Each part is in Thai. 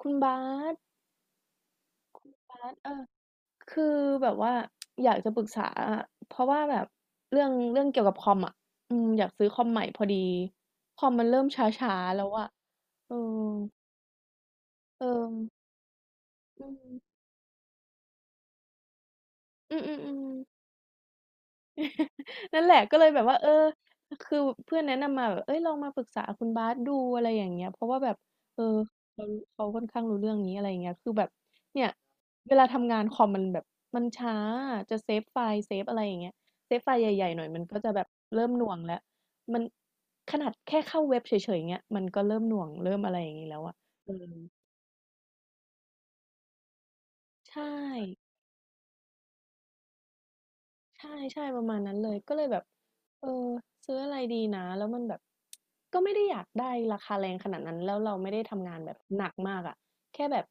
คุณบาสคุณบาสคือแบบว่าอยากจะปรึกษาอะเพราะว่าแบบเรื่องเกี่ยวกับคอมอ่ะอืมอยากซื้อคอมใหม่พอดี คอมมันเริ่มช้าๆแล้วอ่ะเออเอออืมอืม นั่นแหละก็เลยแบบว่าเออคือเพื่อนแนะนำมาแบบเอ้ยลองมาปรึกษาคุณบาสดูอะไรอย่างเงี้ยเพราะว่าแบบเออเขาเขาค่อนข้างรู้เรื่องนี้อะไรอย่างเงี้ยคือแบบเนี่ยเวลาทำงานคอมมันแบบมันช้าจะเซฟไฟล์เซฟอะไรอย่างเงี้ยเซฟไฟล์ใหญ่ๆหน่อยมันก็จะแบบเริ่มหน่วงแล้วมันขนาดแค่เข้าเว็บเฉยๆเงี้ยมันก็เริ่มหน่วงเริ่มอะไรอย่างงี้แล้วอะเออใช่ ใช่ใช่ประมาณนั้นเลยก็เลยแบบเออซื้ออะไรดีนะแล้วมันแบบก็ไม่ได้อยากได้ราคาแรงขนาดนั้นแล้วเราไม่ได้ทำงานแบบหนักมากอ่ะแค่แบบ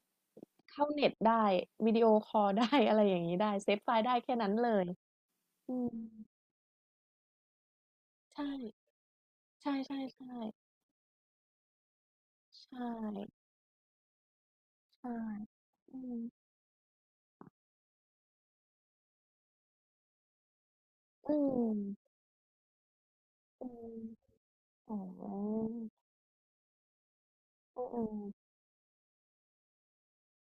เข้าเน็ตได้วิดีโอคอลได้ อะไรอย่างนี้ได้เซฟไฟล์ได้แค่นั้นเลยอืมใช่ใช่ใช่ใช่ใช่ใช่อืมอืมอืมอ๋ออืม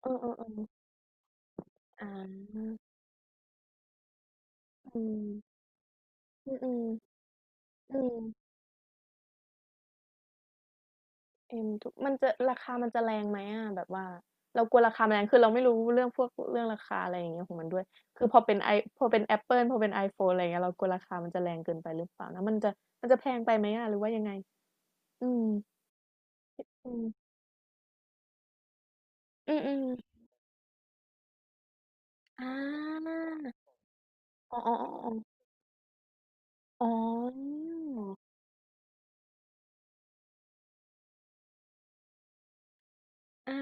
อืมอืมอืมอืมอ่าอืมอืมอืมอืม เอ็มทกมันจะราคามันจะแรงไหมอะแบบว่าเรากลัวราคามันแรงคือเราไม่รู้เรื่องพวกเรื่องราคาอะไรอย่างเงี้ยของมันด้วยคือพอเป็นแอปเปิลพอเป็นไอโฟนอะไรอย่างเงี้ยเรากลัวราคามันจะแรงเกินไปหรือเปล่านะมันจะมันจะแพงไปไหมอะหรือว่ายังไงอืม อืม อืมๆอาอ๋อๆๆๆอ๋ออา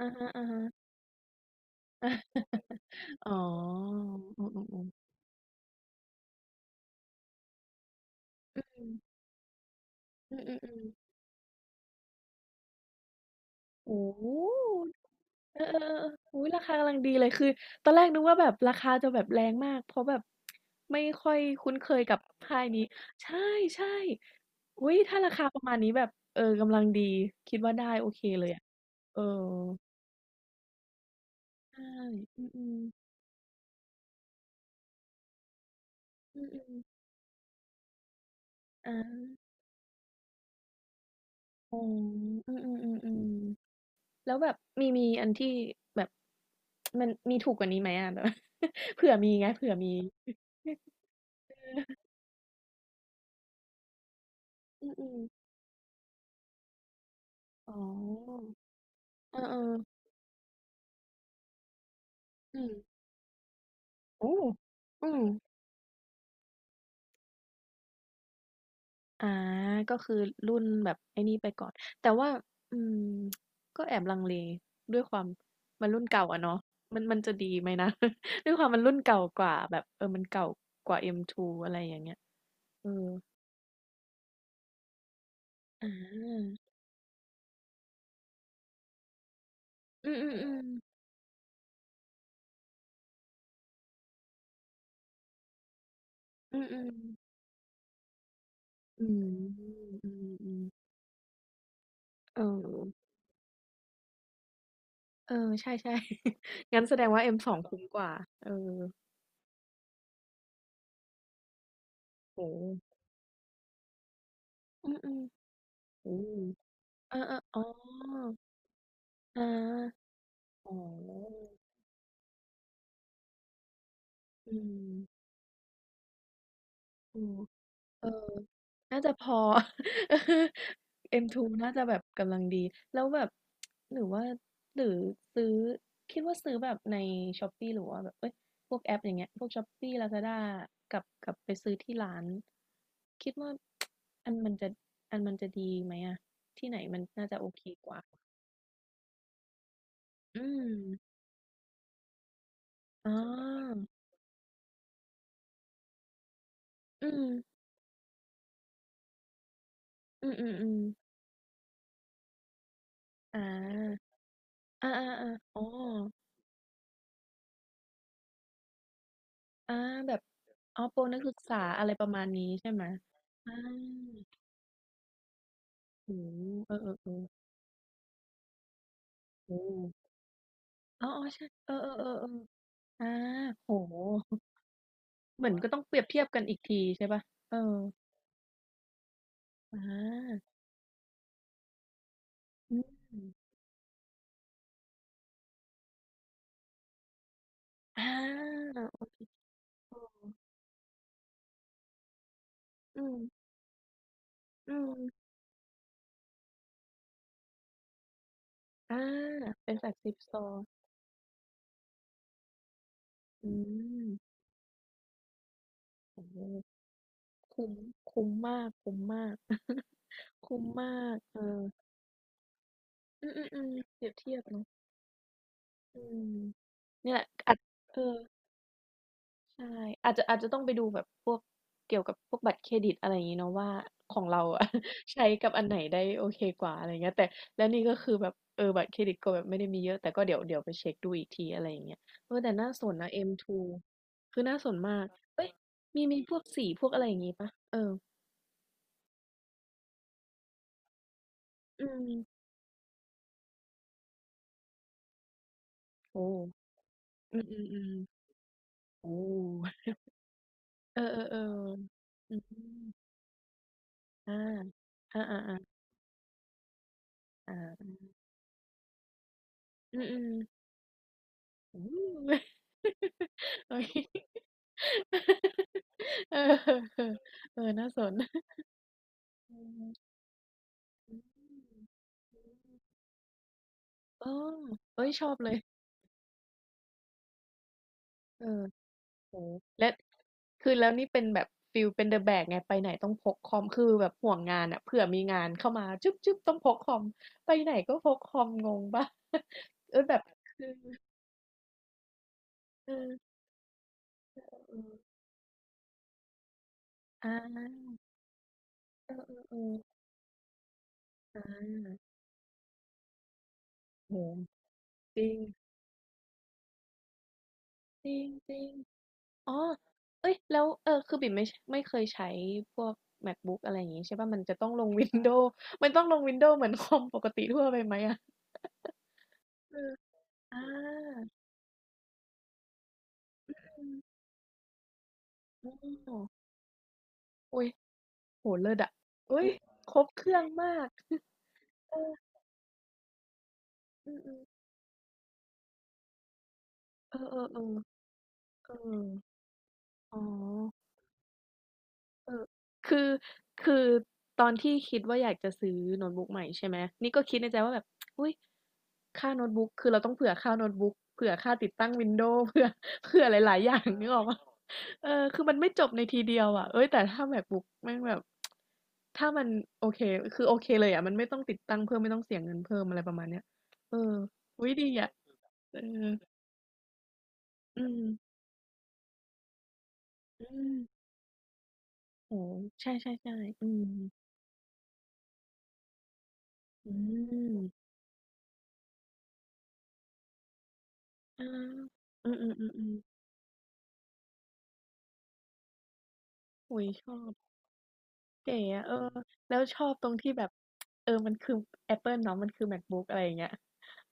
อะฮะๆอ๋ ออือๆๆอืม อือๆๆโอ้โฮ เออๆๆอเอออุ๊ยราคากำลังดีเลยคือตอนแรกนึกว่าแบบราคาจะแบบแรงมากเพราะแบบไม่ค่อยคุ้นเคยกับค่ายนี้ใช่ๆอุ๊ยถ้าราคาประมาณนี้แบบเออกำลังดีคิดว่าได้โอเคเลยอะเออใช่อืมๆอืมๆอาอ๋ออืมๆๆๆแล้วแบบมีอันที่แบบมันมีถูกกว่านี้ไหมอะแบบ เผื่อมีไงเผื่อมีอืออืออ๋อเออๆอืม โอ้อืมอาก็คือรุ่นแบบไอ้นี่ไปก่อน แต่ว่าอืมก็แอบลังเลด้วยความมันรุ่นเก่าอะเนาะมันจะดีไหมนะ ด้วยความมันรุ่นเก่ากว่าแบบเออมันเก่ากว่า M2 อมทูอะไรอย่างเงี้ยเอออาอืมอืมอืมอมอืมอืมอืมอืมเออ เออ ใช่ๆ งั้นแสดงว่า M2 คุ้มกว่า เออโหอ้โอือโอ้เออๆอออ๋ออา อ๋ออืมอ๋กเออน่าจะพอ เอ็มทูน่าจะแบบกำลังดี แล้วแบบ หรือว่าหรือซื้อ คิดว่าซื้อแบบใน Shopee หรือว่าแบบเอ้ยพวกแอปอย่างเงี้ยพวก Shopee Lazada กับไปซื้อที่ร้าน คิดว่า อันมันจะอันมันจะดีไหมอะที่ไหนมันน่าจะโอเคกว่า อืม อ๋ออืมอืมอืมอมอ่าอาอาอาอ๋อ อาแบบอ๋อโปรนักศึกษาอะไรประมาณนี้ใช่ไหมอาโอ้โฮเออๆๆโอ้โฮอ๋อๆใช่เออๆๆๆอาโอ้โฮเหมือนก็ต้องเปรียบเทียบกันอีกทีใช่เปล่าเอออาอืมอาโอเคเอออืมอืมอาเป็นแฟลกชิปสตอร์อืมโอ้โฮคุ้มคุ้มมากคุ้มมาก คุ้มมากเอออือๆๆเปรียบเทียบเนาะ อืมเนี่แหละอาจเออใช่อาจจะอาจจะต้องไปดูแบบพวกเกี่ยวกับพวกบัตรเครดิตอะไรอย่างงี้เนาะว่าของเราอะ ใช้กับอันไหนได้โอเคกว่าอะไรอย่างเงี้ยแต่แล้วนี่ก็คือแบบเออบัตรเครดิตก็แบบไม่ได้มีเยอะแต่ก็เดี๋ยวไปเช็คดูอีกทีอะไรอย่างเงี้ยเออแต่น่าสนนะเอ็มทูคือน่าสนมากเอ้ยมีพวกสีพวกอะไรอย่างงี้เปล่าเอออืมโอ้อืมๆๆโอ้เออๆๆอืมอาอาๆๆอาอืม อืมโอเคเออเออน่าสนอืมอืมเออเฮ้ยชอบเลยเออโอ้โฮและคือแล้วนี่เป็นแบบฟีลเป็น The Bag ไงไปไหนต้องพกคอมคือแบบห่วงงานอะเผื่อมีงานเข้ามาจึ๊บๆต้องพกคอมไปไหนก็พกคอมงงเปล่าเออแบบคือเออเอออาเออๆๆอาโอ้โฮจริงจริงๆ อ๋อเอ้ยแล้วเออคือบิ่มไม่ชไม่เคยใช้พวก MacBook อะไรอย่างงี้ใช่เปล่ามันจะต้องลง Windows มันต้องลง Windows เหมือนคอมปกติทั่วไปไหมอะเอออาอืมอ้ออุ๊ยโอ้โฮเลิศอะอุ๊อยครบเครื่องมากเอออือๆเออๆๆเอออ๋อ เออคือคือตอนที่คิดว่าอยากจะซื้อโน้ตบุ๊กใหม่ใช่ไหมนี่ก็คิดในใจว่าแบบอุ๊ยค่าโน้ตบุ๊กคือเราต้องเผื่อค่าโน้ตบุ๊กเผื่อค่าติดตั้ง Windows เผื่อหลายๆอย่างนึกออกเปล่าเออคือมันไม่จบในทีเดียวอะเฮ้ยแต่ถ้า MacBook แม่งแบบถ้ามันโอเคคือโอเคเลยอะมันไม่ต้องติดตั้งเพิ่มไม่ต้องเสียเงินเพิ่มอะไรประมาณเนี้ยเอออุ๊ยดีอะเอออืมอืมโอ้โฮใช่ๆๆอืมอืมอาอือๆๆๆ อุ๊ยชอบเก๋อะเออแล้วชอบตรงที่แบบเออมันคือแอปเปิลเนาะมันคือ MacBook อะไรอย่างเงี้ย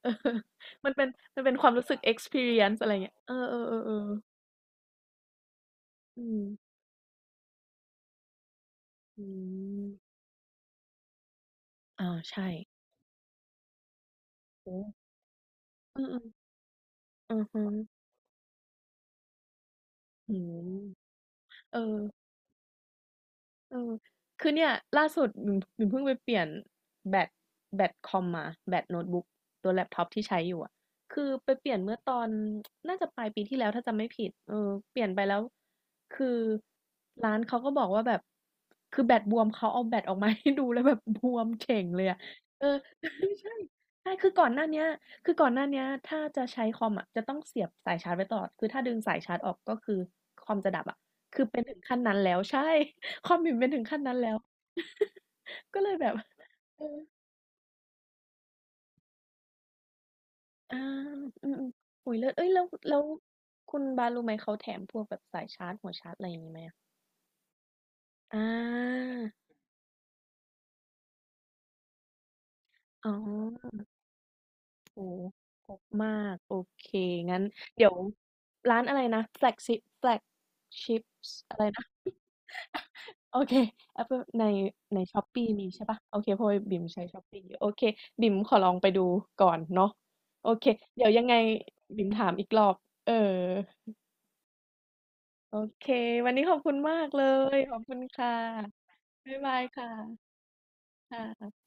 เออ มันเป็นมันเป็นความรู้สึก experience อะไรเงี้ยเออๆๆๆอืมอืมอาใช่โอ้อือๆอือฮึอืมเออ เออคือเนี่ยล่าสุดหนูเพิ่งไปเปลี่ยนแบตแบตคอมมาแบตโน้ตบุ๊กตัวแล็ปท็อปที่ใช้อยู่อ่ะคือไปเปลี่ยนเมื่อตอนน่าจะปลายปีที่แล้วถ้าจำไม่ผิดเออเปลี่ยนไปแล้วคือร้านเขาก็บอกว่าแบบคือแบตบวมเขาเอาแบตออกมาให้ดูแล้วแบบบวมเฉ่งเลยอ่ะเออ ใช่ใช่คือก่อนหน้าเนี้ยคือก่อนหน้าเนี้ยถ้าจะใช้คอมอ่ะจะต้องเสียบสายชาร์จไว้ตลอดคือถ้าดึงสายชาร์จออกก็คือคอมจะดับอ่ะคือเป็นถึงขั้นนั้นแล้วใช่ ความบิ่มเปถึงขั้นนั้นแล้ว ก็เลยแบบเอออาอืมๆโอ้ยแล้วเอ้ยแล้วคุณบานรู้ไหมเขาแถมพวกแบบสายชาร์จหัวชาร์จอะไรอย่างนี้ไหมอะอาอ๋อโอ้โฮครบมาก โอเค งั้นเดี๋ยวร้านอะไรนะ Flagship Flagships อะไรนะ โอเค Apple ในShopee มีใช่ปะโอเคเพราะว่าบิ่มใช้ Shopee โอเคบิ่มขอลองไปดูก่อนเนาะโอเคเดี๋ยวยังไงบิ่มถามอีกรอบเออโอเควันนี้ขอบคุณมากเลยขอบคุณค่ะบ๊ายบายค่ะค่ะ